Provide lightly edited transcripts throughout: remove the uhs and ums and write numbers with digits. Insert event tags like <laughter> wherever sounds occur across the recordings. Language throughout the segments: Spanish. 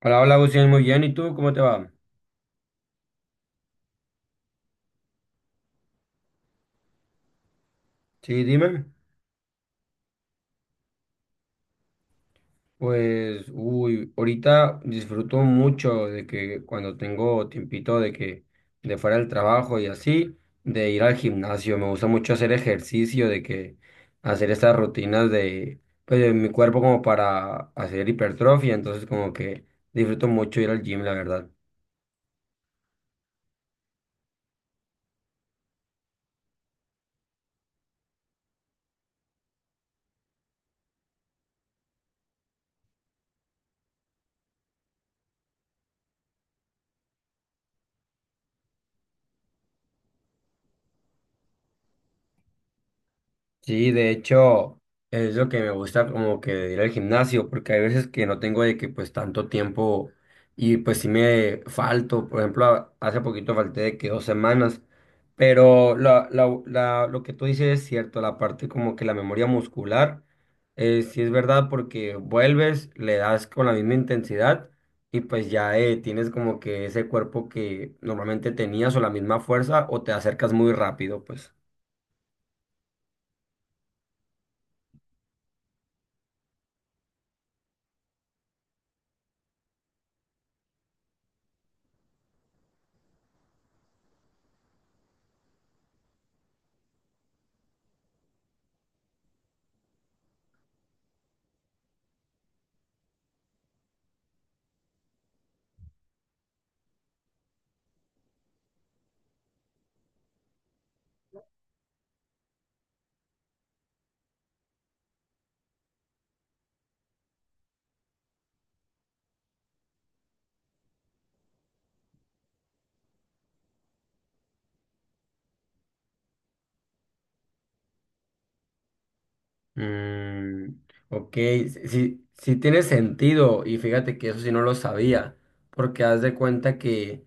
Hola, hola, Agustín, muy bien. ¿Y tú cómo te va? Sí, dime. Pues, uy, ahorita disfruto mucho de que cuando tengo tiempito de que de fuera del trabajo y así, de ir al gimnasio. Me gusta mucho hacer ejercicio, de que hacer estas rutinas de, pues, de mi cuerpo como para hacer hipertrofia. Entonces, como que disfruto mucho ir al gym, la verdad. Sí, de hecho, es lo que me gusta como que de ir al gimnasio, porque hay veces que no tengo de que pues tanto tiempo y pues sí me falto, por ejemplo, hace poquito falté de que 2 semanas, pero lo que tú dices es cierto, la parte como que la memoria muscular, sí es verdad porque vuelves, le das con la misma intensidad y pues ya tienes como que ese cuerpo que normalmente tenías o la misma fuerza o te acercas muy rápido, pues. Mm, ok, sí, sí tiene sentido y fíjate que eso sí no lo sabía, porque haz de cuenta que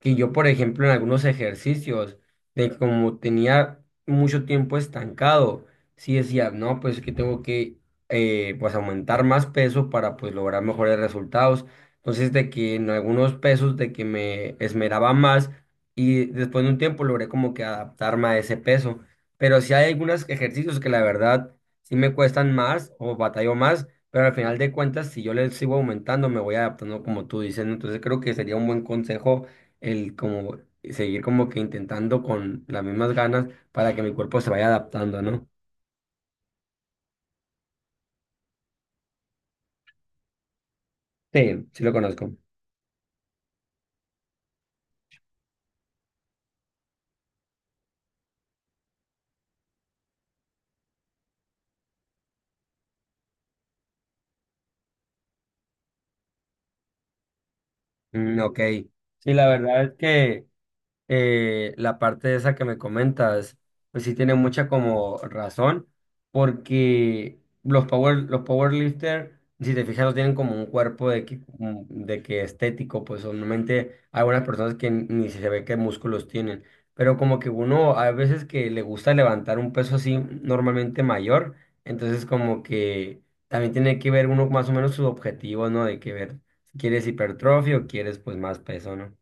que yo, por ejemplo, en algunos ejercicios, de como tenía mucho tiempo estancado, sí decía, no, pues que tengo que pues aumentar más peso para pues lograr mejores resultados. Entonces, de que en algunos pesos, de que me esmeraba más y después de un tiempo logré como que adaptarme a ese peso. Pero sí hay algunos ejercicios que la verdad sí me cuestan más o batallo más. Pero al final de cuentas, si yo les sigo aumentando, me voy adaptando como tú dices, ¿no? Entonces creo que sería un buen consejo el como seguir como que intentando con las mismas ganas para que mi cuerpo se vaya adaptando, ¿no? Sí, sí lo conozco. Mm, ok. Sí, la verdad es que la parte esa que me comentas, pues sí tiene mucha como razón, porque los powerlifter, si te fijas, no tienen como un cuerpo de que, como de que estético, pues normalmente hay algunas personas que ni se ve qué músculos tienen, pero como que uno a veces que le gusta levantar un peso así normalmente mayor, entonces como que también tiene que ver uno más o menos sus objetivos, ¿no? De que ver si quieres hipertrofia o quieres pues más peso, ¿no?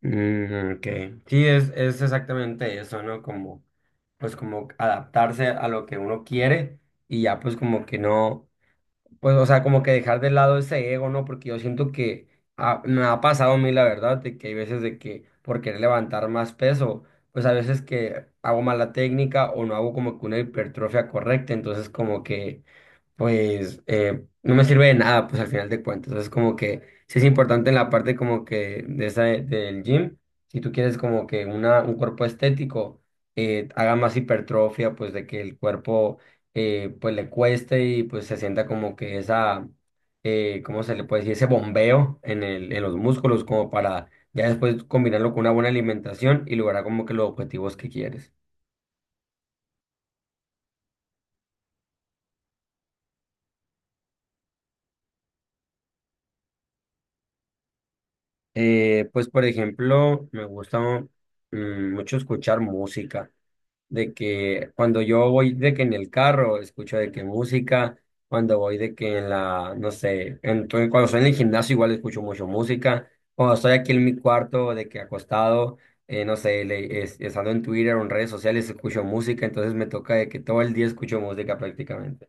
Mm, ok. Sí, es exactamente eso, ¿no? Como, pues como adaptarse a lo que uno quiere y ya pues como que no, pues o sea, como que dejar de lado ese ego, ¿no? Porque yo siento que me ha pasado a mí la verdad, de que hay veces de que por querer levantar más peso, pues a veces que hago mala técnica o no hago como que una hipertrofia correcta, entonces como que pues no me sirve de nada, pues al final de cuentas. Entonces, como que sí es importante en la parte como que de esa, del gym, si tú quieres como que un cuerpo estético haga más hipertrofia, pues de que el cuerpo pues le cueste y pues se sienta como que esa, ¿cómo se le puede decir? Ese bombeo en los músculos como para ya después combinarlo con una buena alimentación y lograr como que los objetivos que quieres. Pues por ejemplo, me gusta mucho escuchar música, de que cuando yo voy de que en el carro escucho de que música, cuando voy de que en la, no sé, entonces cuando estoy en el gimnasio igual escucho mucho música, cuando estoy aquí en mi cuarto de que acostado, no sé, estando en Twitter o en redes sociales escucho música, entonces me toca de que todo el día escucho música prácticamente.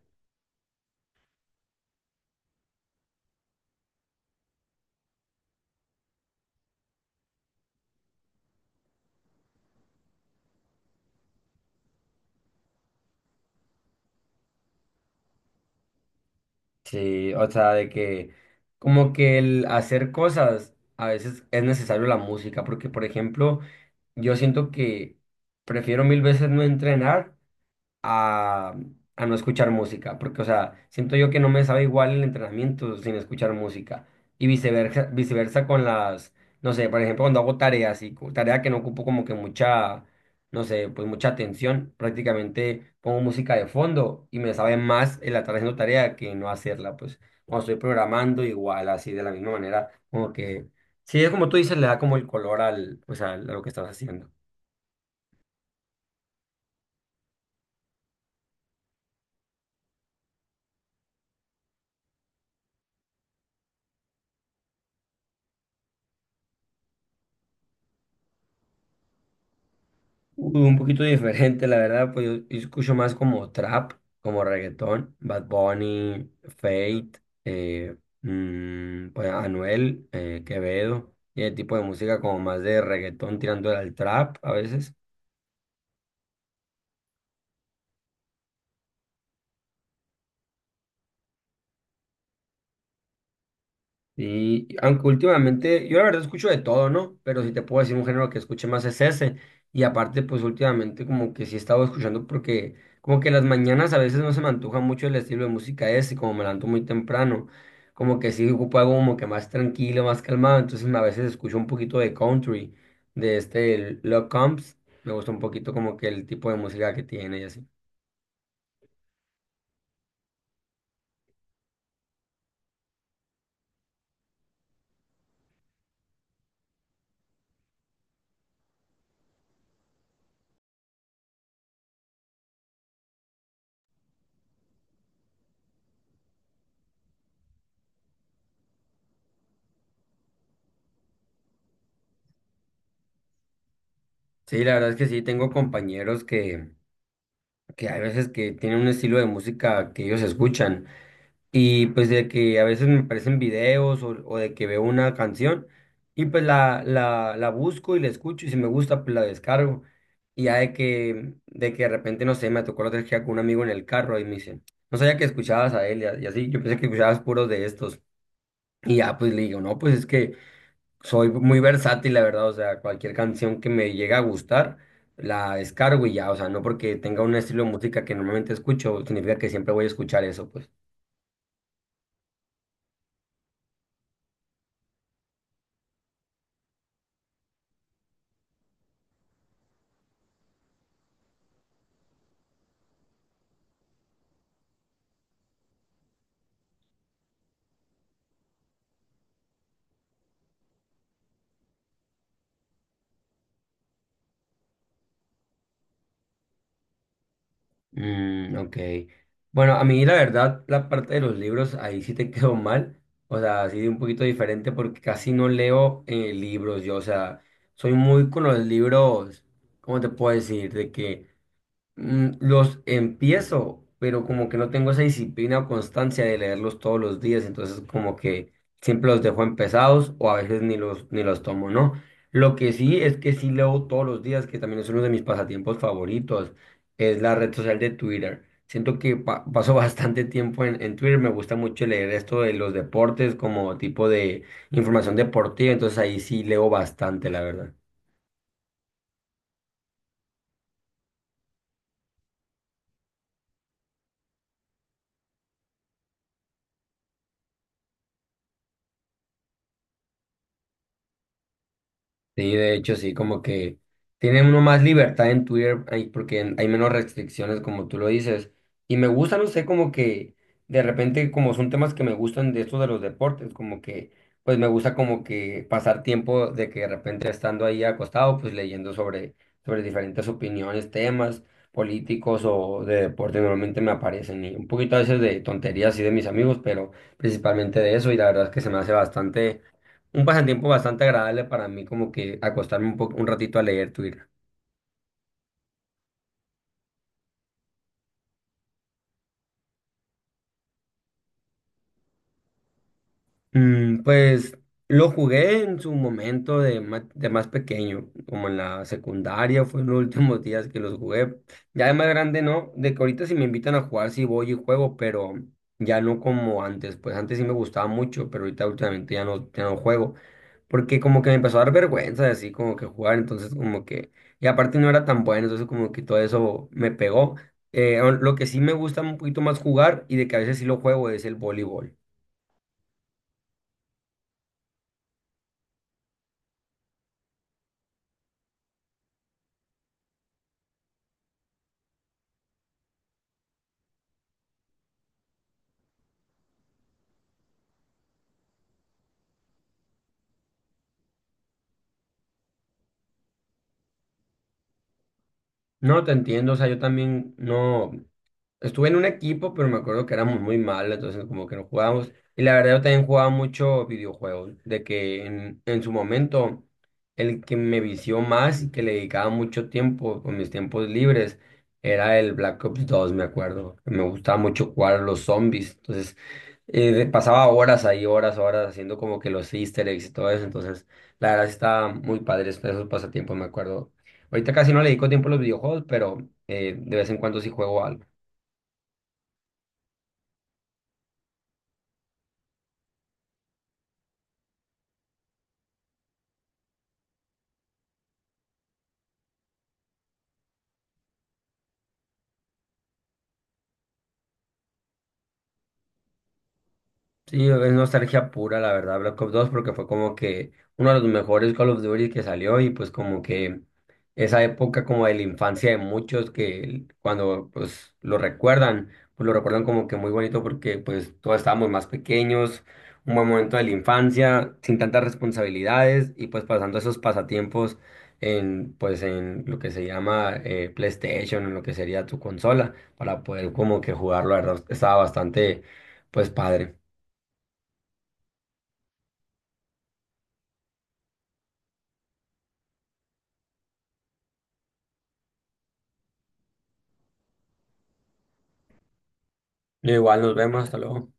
Sí, o sea, de que como que el hacer cosas a veces es necesario la música, porque por ejemplo, yo siento que prefiero mil veces no entrenar a, a no escuchar música, porque, o sea, siento yo que no me sabe igual el entrenamiento sin escuchar música y viceversa, viceversa con las, no sé, por ejemplo, cuando hago tareas y tarea que no ocupo como que mucha, no sé, pues mucha atención, prácticamente pongo música de fondo y me sabe más el estar haciendo tarea que no hacerla, pues cuando estoy programando igual, así de la misma manera, como que, sí, es como tú dices, le da como el color al, pues, a lo que estás haciendo. Uy, un poquito diferente, la verdad, pues yo escucho más como trap, como reggaetón, Bad Bunny, Fate, eh, pues Anuel, Quevedo, y el tipo de música como más de reggaetón tirando al trap a veces. Y aunque últimamente, yo la verdad escucho de todo, ¿no? Pero si te puedo decir un género que escuche más es ese. Y aparte, pues últimamente como que sí he estado escuchando porque como que las mañanas a veces no se me antoja mucho el estilo de música ese, como me levanto muy temprano, como que sí ocupo algo como que más tranquilo, más calmado. Entonces a veces escucho un poquito de country, de este el Love Combs. Me gusta un poquito como que el tipo de música que tiene y así. Sí, la verdad es que sí, tengo compañeros que hay veces que tienen un estilo de música que ellos escuchan. Y pues de que a veces me aparecen videos o de que veo una canción y pues la busco y la escucho y si me gusta pues la descargo. Y ya de que de repente, no sé, me tocó la otra vez que iba con un amigo en el carro y me dice, no sabía que escuchabas a él y así, yo pensé que escuchabas puros de estos. Y ya pues le digo, no, pues es que soy muy versátil, la verdad, o sea, cualquier canción que me llegue a gustar, la descargo y ya, o sea, no porque tenga un estilo de música que normalmente escucho, significa que siempre voy a escuchar eso, pues. Mm, ok. Bueno, a mí la verdad, la parte de los libros, ahí sí te <laughs> quedó mal. O sea, así de un poquito diferente porque casi no leo libros yo. O sea, soy muy con los libros, ¿cómo te puedo decir? De que los empiezo, pero como que no tengo esa disciplina o constancia de leerlos todos los días, entonces como que siempre los dejo empezados o a veces ni los tomo, ¿no? Lo que sí es que sí leo todos los días, que también es uno de mis pasatiempos favoritos, es la red social de Twitter. Siento que paso <laughs> bastante tiempo en Twitter, me gusta mucho leer esto de los deportes como tipo de información deportiva, entonces ahí sí leo bastante, la verdad. Sí, de hecho, sí, como que tiene uno más libertad en Twitter ahí porque hay menos restricciones, como tú lo dices. Y me gusta, no sé, como que de repente, como son temas que me gustan de estos de los deportes, como que, pues me gusta como que pasar tiempo de que de repente estando ahí acostado, pues leyendo sobre diferentes opiniones, temas políticos o de deporte, normalmente me aparecen y un poquito a veces de tonterías y de mis amigos, pero principalmente de eso y la verdad es que se me hace bastante un pasatiempo bastante agradable para mí, como que acostarme un poco, un ratito a leer Twitter. Mm, pues lo jugué en su momento de más pequeño, como en la secundaria, fue en los <laughs> últimos días que los jugué. Ya de más grande no, de que ahorita si me invitan a jugar sí voy y juego, pero ya no como antes, pues antes sí me gustaba mucho, pero ahorita últimamente ya no juego, porque como que me empezó a dar vergüenza de así como que jugar, entonces como que, y aparte no era tan bueno, entonces como que todo eso me pegó. Lo que sí me gusta un poquito más jugar y de que a veces sí lo juego es el voleibol. No, te entiendo, o sea, yo también no estuve en un equipo, pero me acuerdo que éramos muy malos, entonces como que no jugábamos. Y la verdad yo también jugaba mucho videojuegos, de que en su momento el que me vició más y que le dedicaba mucho tiempo con mis tiempos libres era el Black Ops 2 me acuerdo. Me gustaba mucho jugar a los zombies, entonces pasaba horas ahí, horas, horas haciendo como que los easter eggs y todo eso, entonces la verdad sí estaba muy padre esos pasatiempos, me acuerdo. Ahorita casi no le dedico tiempo a los videojuegos, pero de vez en cuando sí juego algo. Sí, es nostalgia pura, la verdad, Black Ops 2 porque fue como que uno de los mejores Call of Duty que salió y pues como que esa época como de la infancia de muchos que cuando pues lo recuerdan como que muy bonito porque pues todos estábamos más pequeños, un buen momento de la infancia, sin tantas responsabilidades y pues pasando esos pasatiempos en pues en lo que se llama PlayStation, en lo que sería tu consola, para poder como que jugarlo, la verdad, estaba bastante pues padre. Igual nos vemos, hasta luego.